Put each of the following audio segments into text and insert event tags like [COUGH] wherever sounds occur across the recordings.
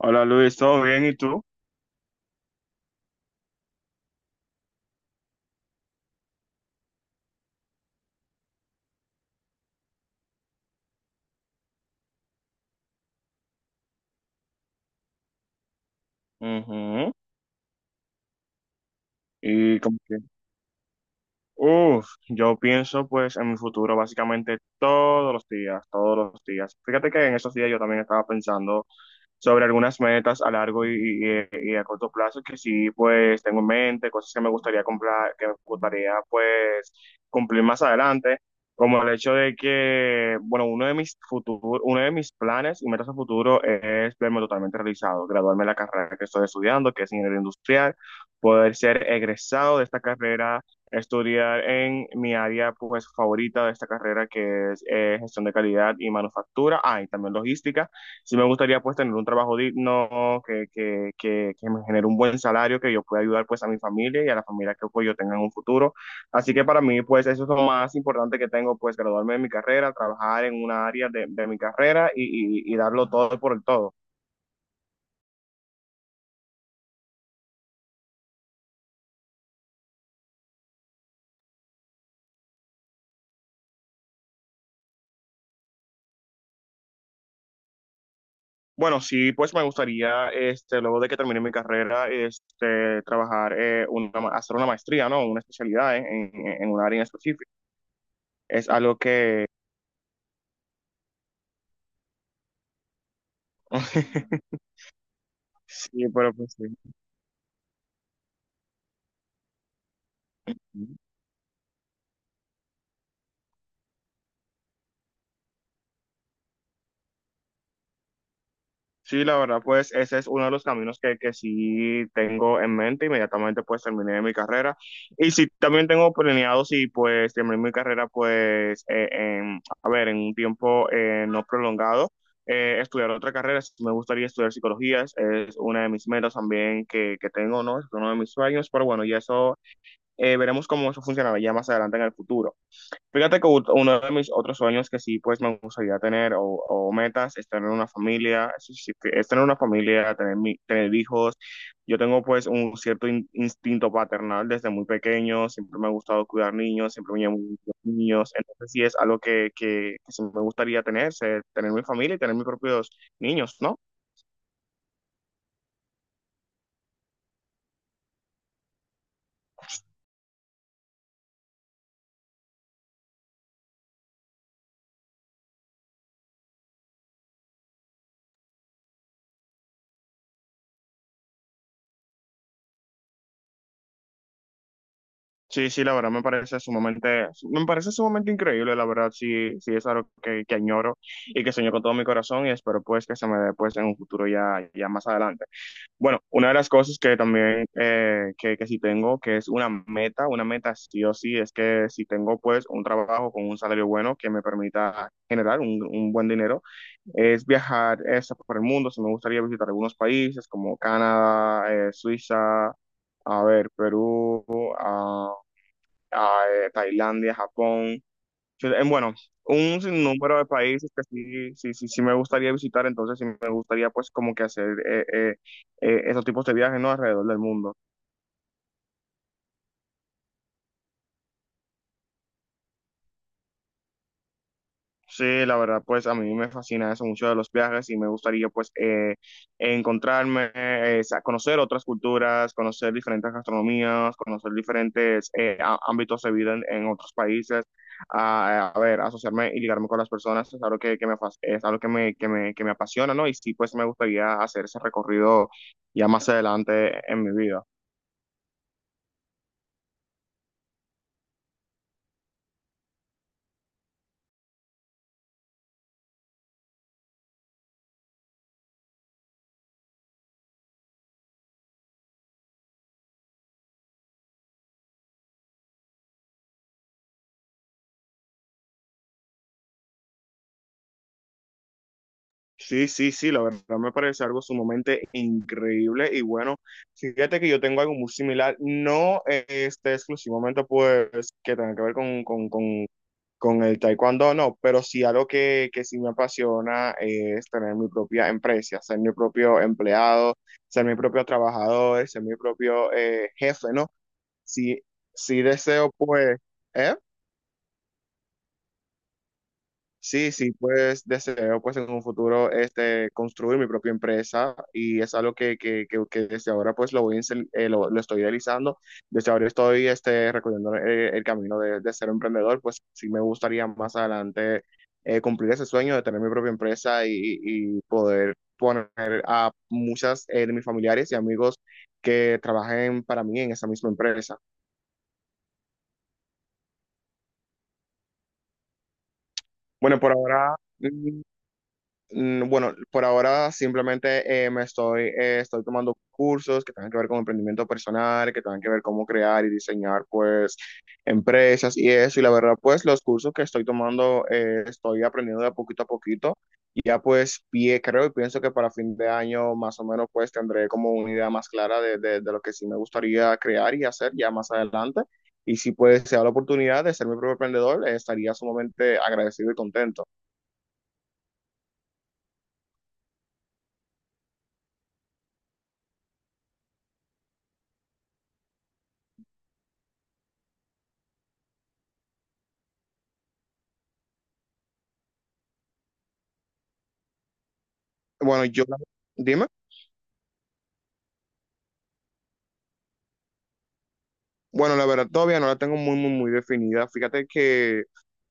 Hola Luis, ¿todo bien? ¿Y tú? Ujú. Y como que, yo pienso pues en mi futuro básicamente todos los días, todos los días. Fíjate que en esos días yo también estaba pensando sobre algunas metas a largo y a corto plazo que sí, pues tengo en mente, cosas que me gustaría comprar, que me gustaría, pues, cumplir más adelante, como el hecho de que, bueno, uno de mis planes y metas a futuro es verme totalmente realizado, graduarme de la carrera que estoy estudiando, que es ingeniería industrial, poder ser egresado de esta carrera, estudiar en mi área pues favorita de esta carrera que es gestión de calidad y manufactura, ah, y también logística. Sí me gustaría pues tener un trabajo digno que me genere un buen salario, que yo pueda ayudar pues a mi familia y a la familia que pues, yo tenga en un futuro. Así que para mí pues eso es lo más importante que tengo, pues graduarme de mi carrera, trabajar en una área de mi carrera y darlo todo por el todo. Bueno, sí, pues me gustaría, este, luego de que termine mi carrera, este, trabajar, hacer una maestría, ¿no? Una especialidad en un área en específico. Es algo que... [LAUGHS] Sí, pero pues sí. Sí, la verdad, pues ese es uno de los caminos que sí tengo en mente. Inmediatamente pues terminé mi carrera. Y sí, también tengo planeado, sí, pues terminé mi carrera pues, a ver, en un tiempo no prolongado, estudiar otra carrera. Sí, me gustaría estudiar psicología, es una de mis metas también que tengo, ¿no? Es uno de mis sueños, pero bueno, y eso, veremos cómo eso funcionará ya más adelante en el futuro. Fíjate que uno de mis otros sueños que sí, pues me gustaría tener, o metas, es tener una familia, es decir, es tener una familia, tener hijos. Yo tengo pues un cierto instinto paternal desde muy pequeño, siempre me ha gustado cuidar niños, siempre me llamó niños, entonces sí es algo que sí me gustaría tener, tener mi familia y tener mis propios niños, ¿no? Sí, sí, la verdad me parece me parece sumamente increíble, la verdad, sí, sí es algo que añoro y que sueño con todo mi corazón y espero pues que se me dé pues en un futuro ya, ya más adelante. Bueno, una de las cosas que también, que sí tengo, que es una meta sí o sí, es que si tengo pues un trabajo con un salario bueno que me permita generar un buen dinero, es viajar eso por el mundo. Si me gustaría visitar algunos países como Canadá, Suiza, a ver, Perú, ah, a Tailandia, Japón, bueno, un sinnúmero de países que sí me gustaría visitar, entonces sí me gustaría pues como que hacer esos tipos de viajes, ¿no? Alrededor del mundo. Sí, la verdad, pues a mí me fascina eso mucho de los viajes y me gustaría pues, encontrarme, conocer otras culturas, conocer diferentes gastronomías, conocer diferentes ámbitos de vida en otros países, a ver, asociarme y ligarme con las personas, es algo que es algo que me apasiona, ¿no? Y sí, pues me gustaría hacer ese recorrido ya más adelante en mi vida. Sí, sí, sí, la verdad me parece algo sumamente increíble y bueno, fíjate que yo tengo algo muy similar, no este exclusivamente pues que tenga que ver con el taekwondo, no, pero sí algo que sí me apasiona, es tener mi propia empresa, ser mi propio empleado, ser mi propio trabajador, ser mi propio jefe, ¿no? Sí, sí deseo pues, ¿eh? Sí, sí, pues deseo pues en un futuro este construir mi propia empresa, y es algo que desde ahora pues lo voy a lo estoy realizando. Desde ahora estoy este recorriendo el camino de ser emprendedor. Pues sí me gustaría más adelante, cumplir ese sueño de tener mi propia empresa y poder poner a muchas de mis familiares y amigos que trabajen para mí en esa misma empresa. Bueno, por ahora mm, Bueno, por ahora simplemente, estoy tomando cursos que tengan que ver con emprendimiento personal, que tengan que ver cómo crear y diseñar pues empresas y eso. Y la verdad pues los cursos que estoy tomando, estoy aprendiendo de poquito a poquito. Y creo y pienso que para fin de año más o menos pues tendré como una idea más clara de lo que sí me gustaría crear y hacer ya más adelante. Y si pues se da la oportunidad de ser mi propio emprendedor, estaría sumamente agradecido y contento. Bueno, yo, dime. Bueno, la verdad todavía no la tengo muy, muy, muy definida. Fíjate que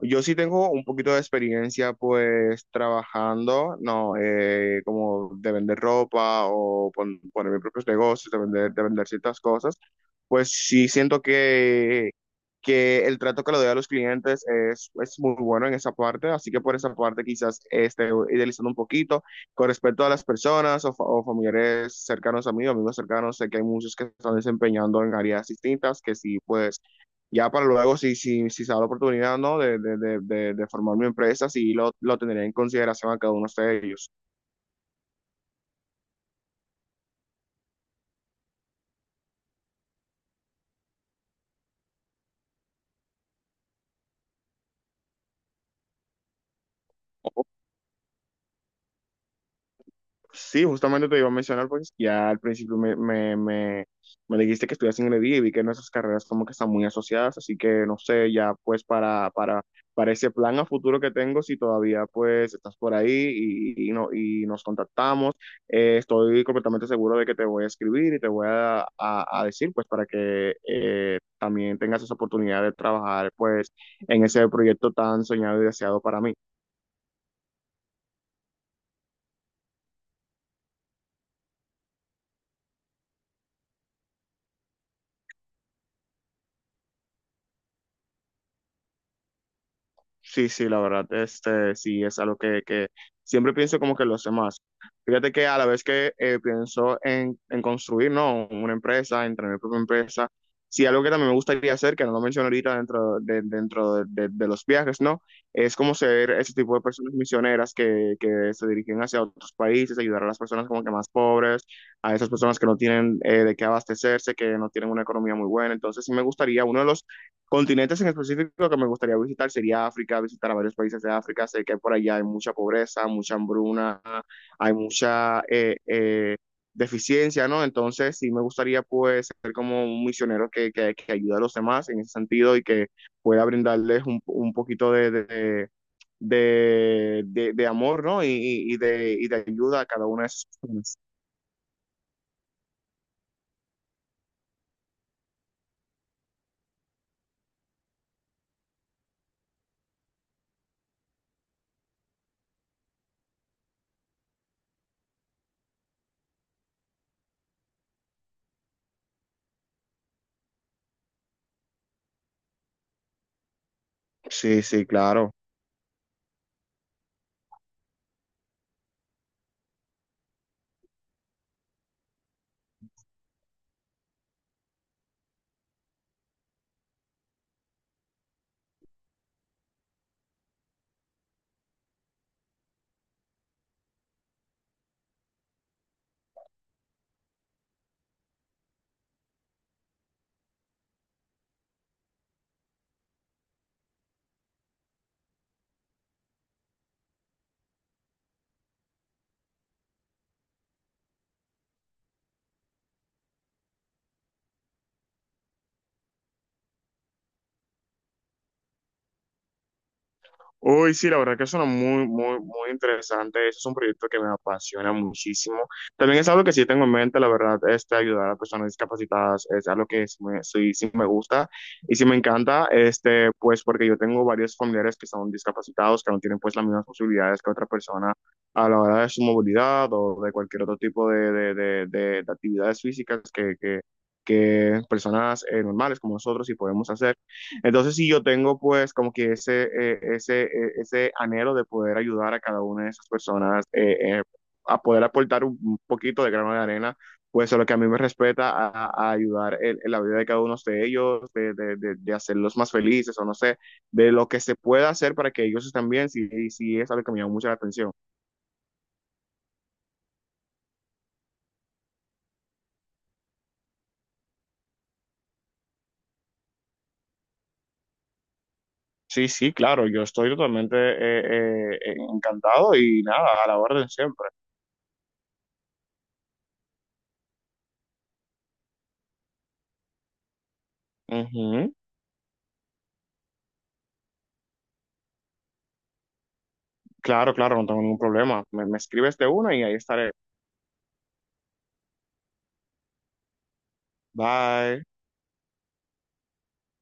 yo sí tengo un poquito de experiencia pues trabajando, no, como de vender ropa o poner mis propios negocios, de vender ciertas cosas, pues sí siento que el trato que le doy a los clientes es muy bueno en esa parte, así que por esa parte quizás esté idealizando un poquito. Con respecto a las personas o, o familiares cercanos a mí, o amigos cercanos, sé que hay muchos que están desempeñando en áreas distintas, que sí pues ya para luego, si se da la oportunidad, ¿no? De formar mi empresa, sí lo tendría en consideración a cada uno de ellos. Sí, justamente te iba a mencionar, pues ya al principio me dijiste que estudias ingeniería y vi que nuestras carreras como que están muy asociadas, así que no sé, ya pues para ese plan a futuro que tengo, si todavía pues estás por ahí y no, y nos contactamos, estoy completamente seguro de que te voy a escribir y te voy a decir pues para que también tengas esa oportunidad de trabajar pues en ese proyecto tan soñado y deseado para mí. Sí, sí, la verdad, este, sí, es algo que siempre pienso como que los demás. Fíjate que a la vez que pienso en construir, ¿no? Una empresa, en tener mi propia empresa, sí, algo que también me gustaría hacer, que no lo mencioné ahorita dentro de de los viajes, ¿no? Es como ser ese tipo de personas misioneras que se dirigen hacia otros países, ayudar a las personas como que más pobres, a esas personas que no tienen de qué abastecerse, que no tienen una economía muy buena. Entonces, sí me gustaría, uno de los continentes en específico que me gustaría visitar sería África, visitar a varios países de África. Sé que por allá hay mucha pobreza, mucha hambruna, hay mucha deficiencia, ¿no? Entonces sí me gustaría pues ser como un misionero que ayuda a los demás en ese sentido y que pueda brindarles un poquito de amor, ¿no? Y de ayuda a cada una de esas personas. Sí, sí, claro. Uy, sí, la verdad que suena muy, muy, muy interesante. Ese es un proyecto que me apasiona muchísimo. También es algo que sí tengo en mente, la verdad, este, ayudar a personas discapacitadas es algo que sí sí me gusta y sí me encanta, este, pues porque yo tengo varios familiares que son discapacitados, que no tienen pues las mismas posibilidades que otra persona a la hora de su movilidad o de cualquier otro tipo de actividades físicas que personas normales como nosotros sí podemos hacer. Entonces, si yo tengo pues como que ese anhelo de poder ayudar a cada una de esas personas, a poder aportar un poquito de grano de arena, pues a lo que a mí me respeta a ayudar en la vida de cada uno de ellos, de hacerlos más felices o no sé, de lo que se pueda hacer para que ellos estén bien, sí, sí es algo que me llama mucho la atención. Sí, sí, claro, yo estoy totalmente encantado y nada, a la orden siempre. Ujú. Claro, claro, no tengo ningún problema. Me escribes de una y ahí estaré. Bye.